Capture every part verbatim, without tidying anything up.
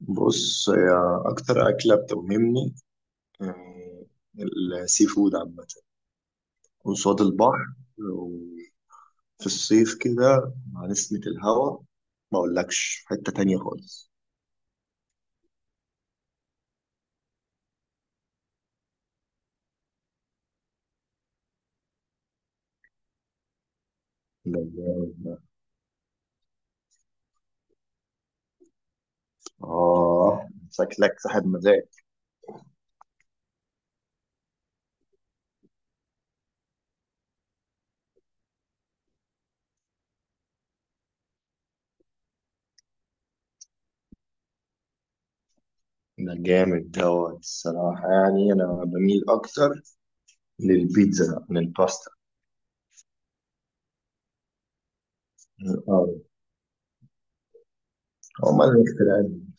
بص هي أكتر أكلة بتوهمني، آه، السي فود عامة، قصاد البحر وفي الصيف كده مع نسمة الهوا ما أقولكش في حتة تانية خالص. آه شكلك صاحب مزاج. ده جامد دوت الصراحة، يعني أنا بميل أكتر للبيتزا من الباستا. اه هما اللي مخترعين.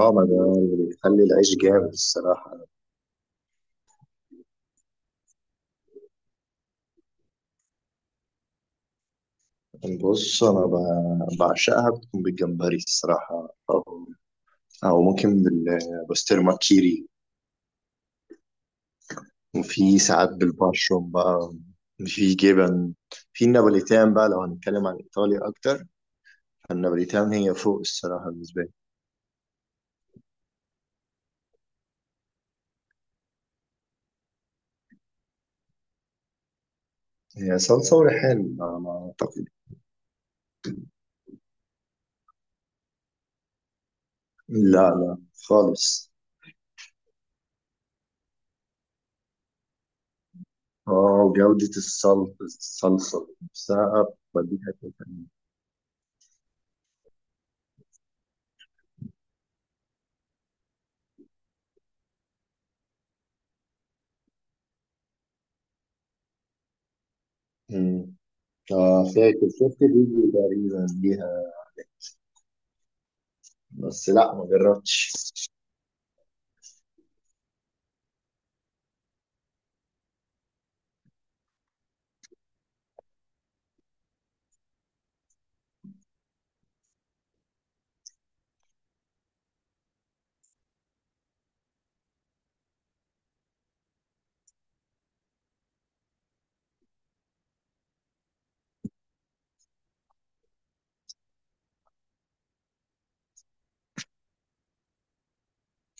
اه ما ده اللي بيخلي العيش جامد الصراحة. بص أنا ب- بعشقها، بتكون بالجمبري الصراحة، أو أو ممكن بالبسطرمة كيري، وفي ساعات بالبشروم بقى، في جبن، في النابوليتان بقى لو هنتكلم عن إيطاليا أكتر، فالنابوليتان هي فوق الصراحة بالنسبة لي. هي صلصة وريحان على ما أعتقد. لا لا خالص. اه وجودة الصلصة، الصلصة نفسها بتوديك حتة تانية. أمم. آه فاكر شفت فيديو تقريبا ليها، بس لا ما جربتش.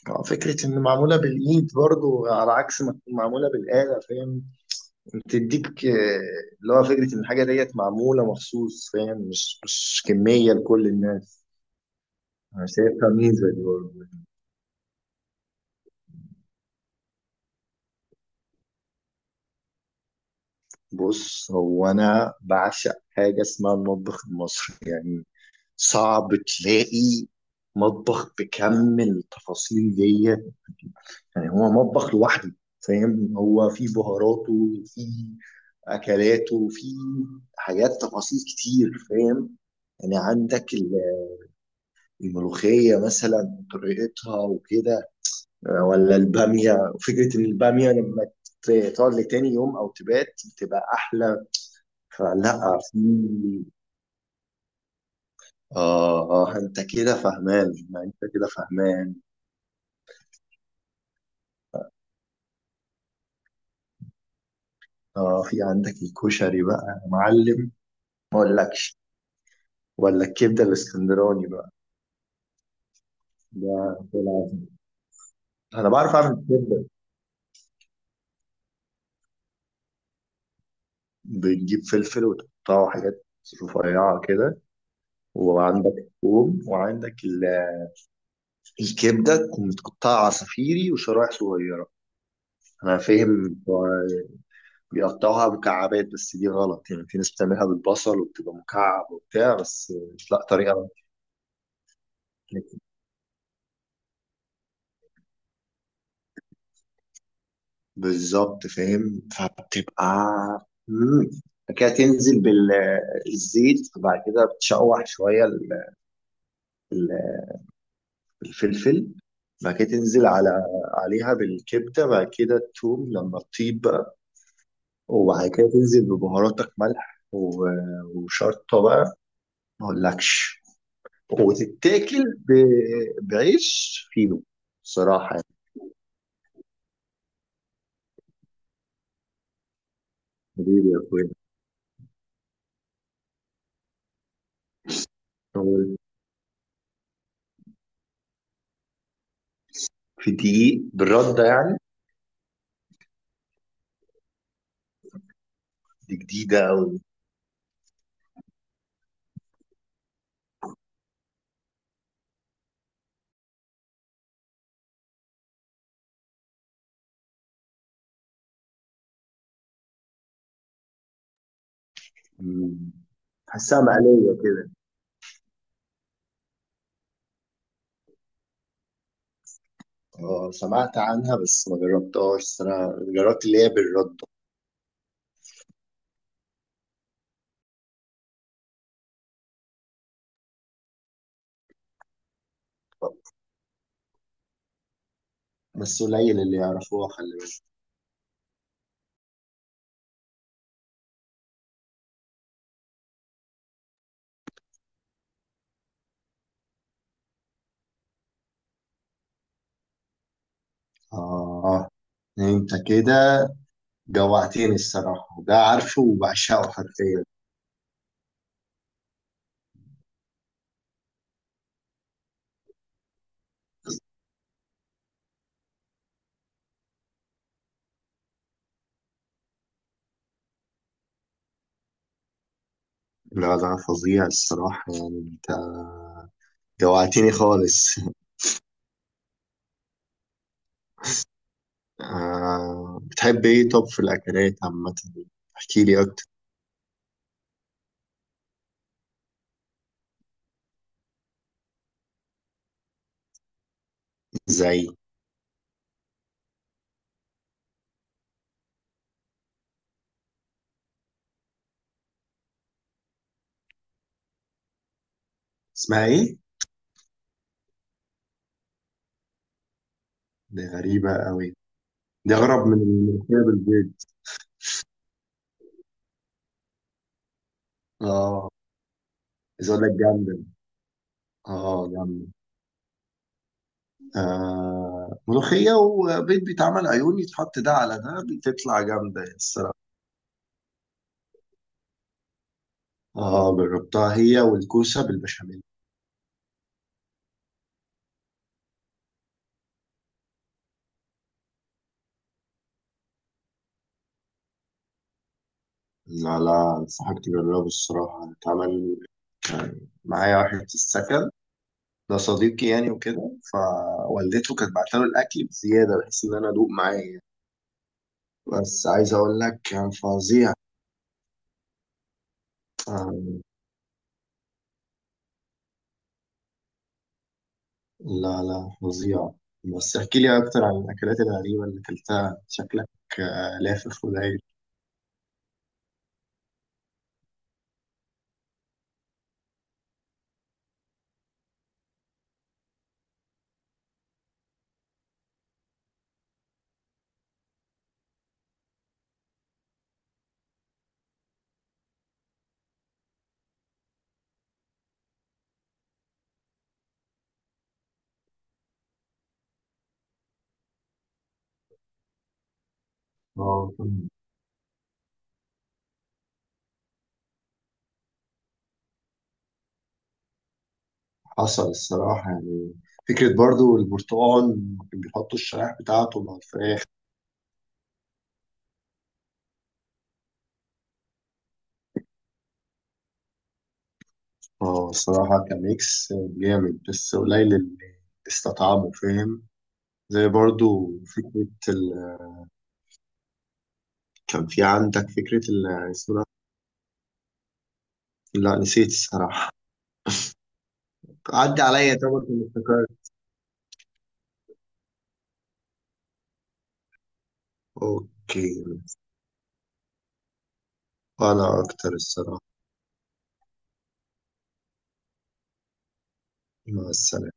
آه، فكرة إن معمولة بالإيد برضو على عكس ما تكون معمولة بالآلة فاهم، بتديك آه، اللي هو فكرة إن الحاجة ديت معمولة مخصوص فاهم، مش مش كمية لكل الناس. أنا شايفها ميزة دي برضو. بص هو انا بعشق حاجه اسمها المطبخ المصري، يعني صعب تلاقي مطبخ بكم التفاصيل ديت. يعني هو مطبخ لوحده فاهم، هو فيه بهاراته وفيه اكلاته وفيه حاجات تفاصيل كتير فاهم. يعني عندك ال- الملوخيه مثلا طريقتها وكده، ولا الباميه، فكره ان الباميه لما ت- تقعد لتاني يوم او تبات بتبقى احلى. فلا في آه آه أنت كده فهمان، ما أنت كده فهمان. آه في عندك الكشري بقى يا معلم، ما أقولكش، ولا الكبدة الإسكندراني بقى، ده في العظيم. أنا بعرف أعمل كبدة. بتجيب فلفل وتقطعه حاجات رفيعة كده، وعندك ثوم، وعندك ال- الكبدة تكون متقطعة عصافيري وشرايح صغيرة. أنا فاهم بتوع بيقطعوها مكعبات بس دي غلط، يعني في ناس بتعملها بالبصل وبتبقى مكعب وبتاع بس. لا طريقة بالظبط فاهم، فبتبقى مم. كده تنزل بالزيت، وبعد كده بتشوح شوية ال- ال- الفلفل، بعد كده تنزل على عليها بالكبدة، بعد كده التوم لما تطيب بقى، وبعد كده تنزل ببهاراتك ملح و- وشطة بقى ما اقولكش، وتتاكل ب- بعيش فينو صراحة يعني. حبيبي يا اخويا. في دقيق بالردة يعني؟ دي جديدة أوي، تحسها مقلية كده. اه سمعت عنها بس ما جربتهاش، بس انا جربت اللي هي بالرد. بس قليل اللي يعرفوها خلي بالك. اه انت كده جوعتني الصراحة، ده عارفه وبعشقه حرفيا. لا ده فظيع الصراحة يعني، انت جوعتني خالص. آه بتحب ايه طب في الاكلات عامة، احكي لي اكتر. زي اسمها ايه؟ دي غريبة قوي. دي اغرب من الملوخية بالبيض. اه عايز اقول لك جامدة. اه جامد. آه ملوخية وبيض بيتعمل عيون يتحط ده على ده بتطلع جامدة الصراحة. اه جربتها هي والكوسة بالبشاميل. لا لا انصحك تجربه الصراحة. اتعمل كان معايا واحد في السكن ده صديقي يعني وكده، فوالدته كانت بعتله الأكل بزيادة بحيث إن أنا أدوق معايا. بس عايز أقول لك كان فظيع. آه لا لا فظيع. بس احكي لي أكتر عن الأكلات الغريبة اللي أكلتها شكلك آه، لافف ولايق. اه حصل الصراحة يعني، فكرة برضو البرتقال كان بيحطوا الشرايح بتاعته مع الفراخ. اه الصراحة كان ميكس جامد، بس قليل اللي استطعمه فاهم. زي برضو فكرة ال... كان في عندك فكرة ال... اسمه ده؟ لا نسيت الصراحة، عدي عليا طبعا كنت افتكرت. اوكي انا اكتر الصراحة. مع السلامة.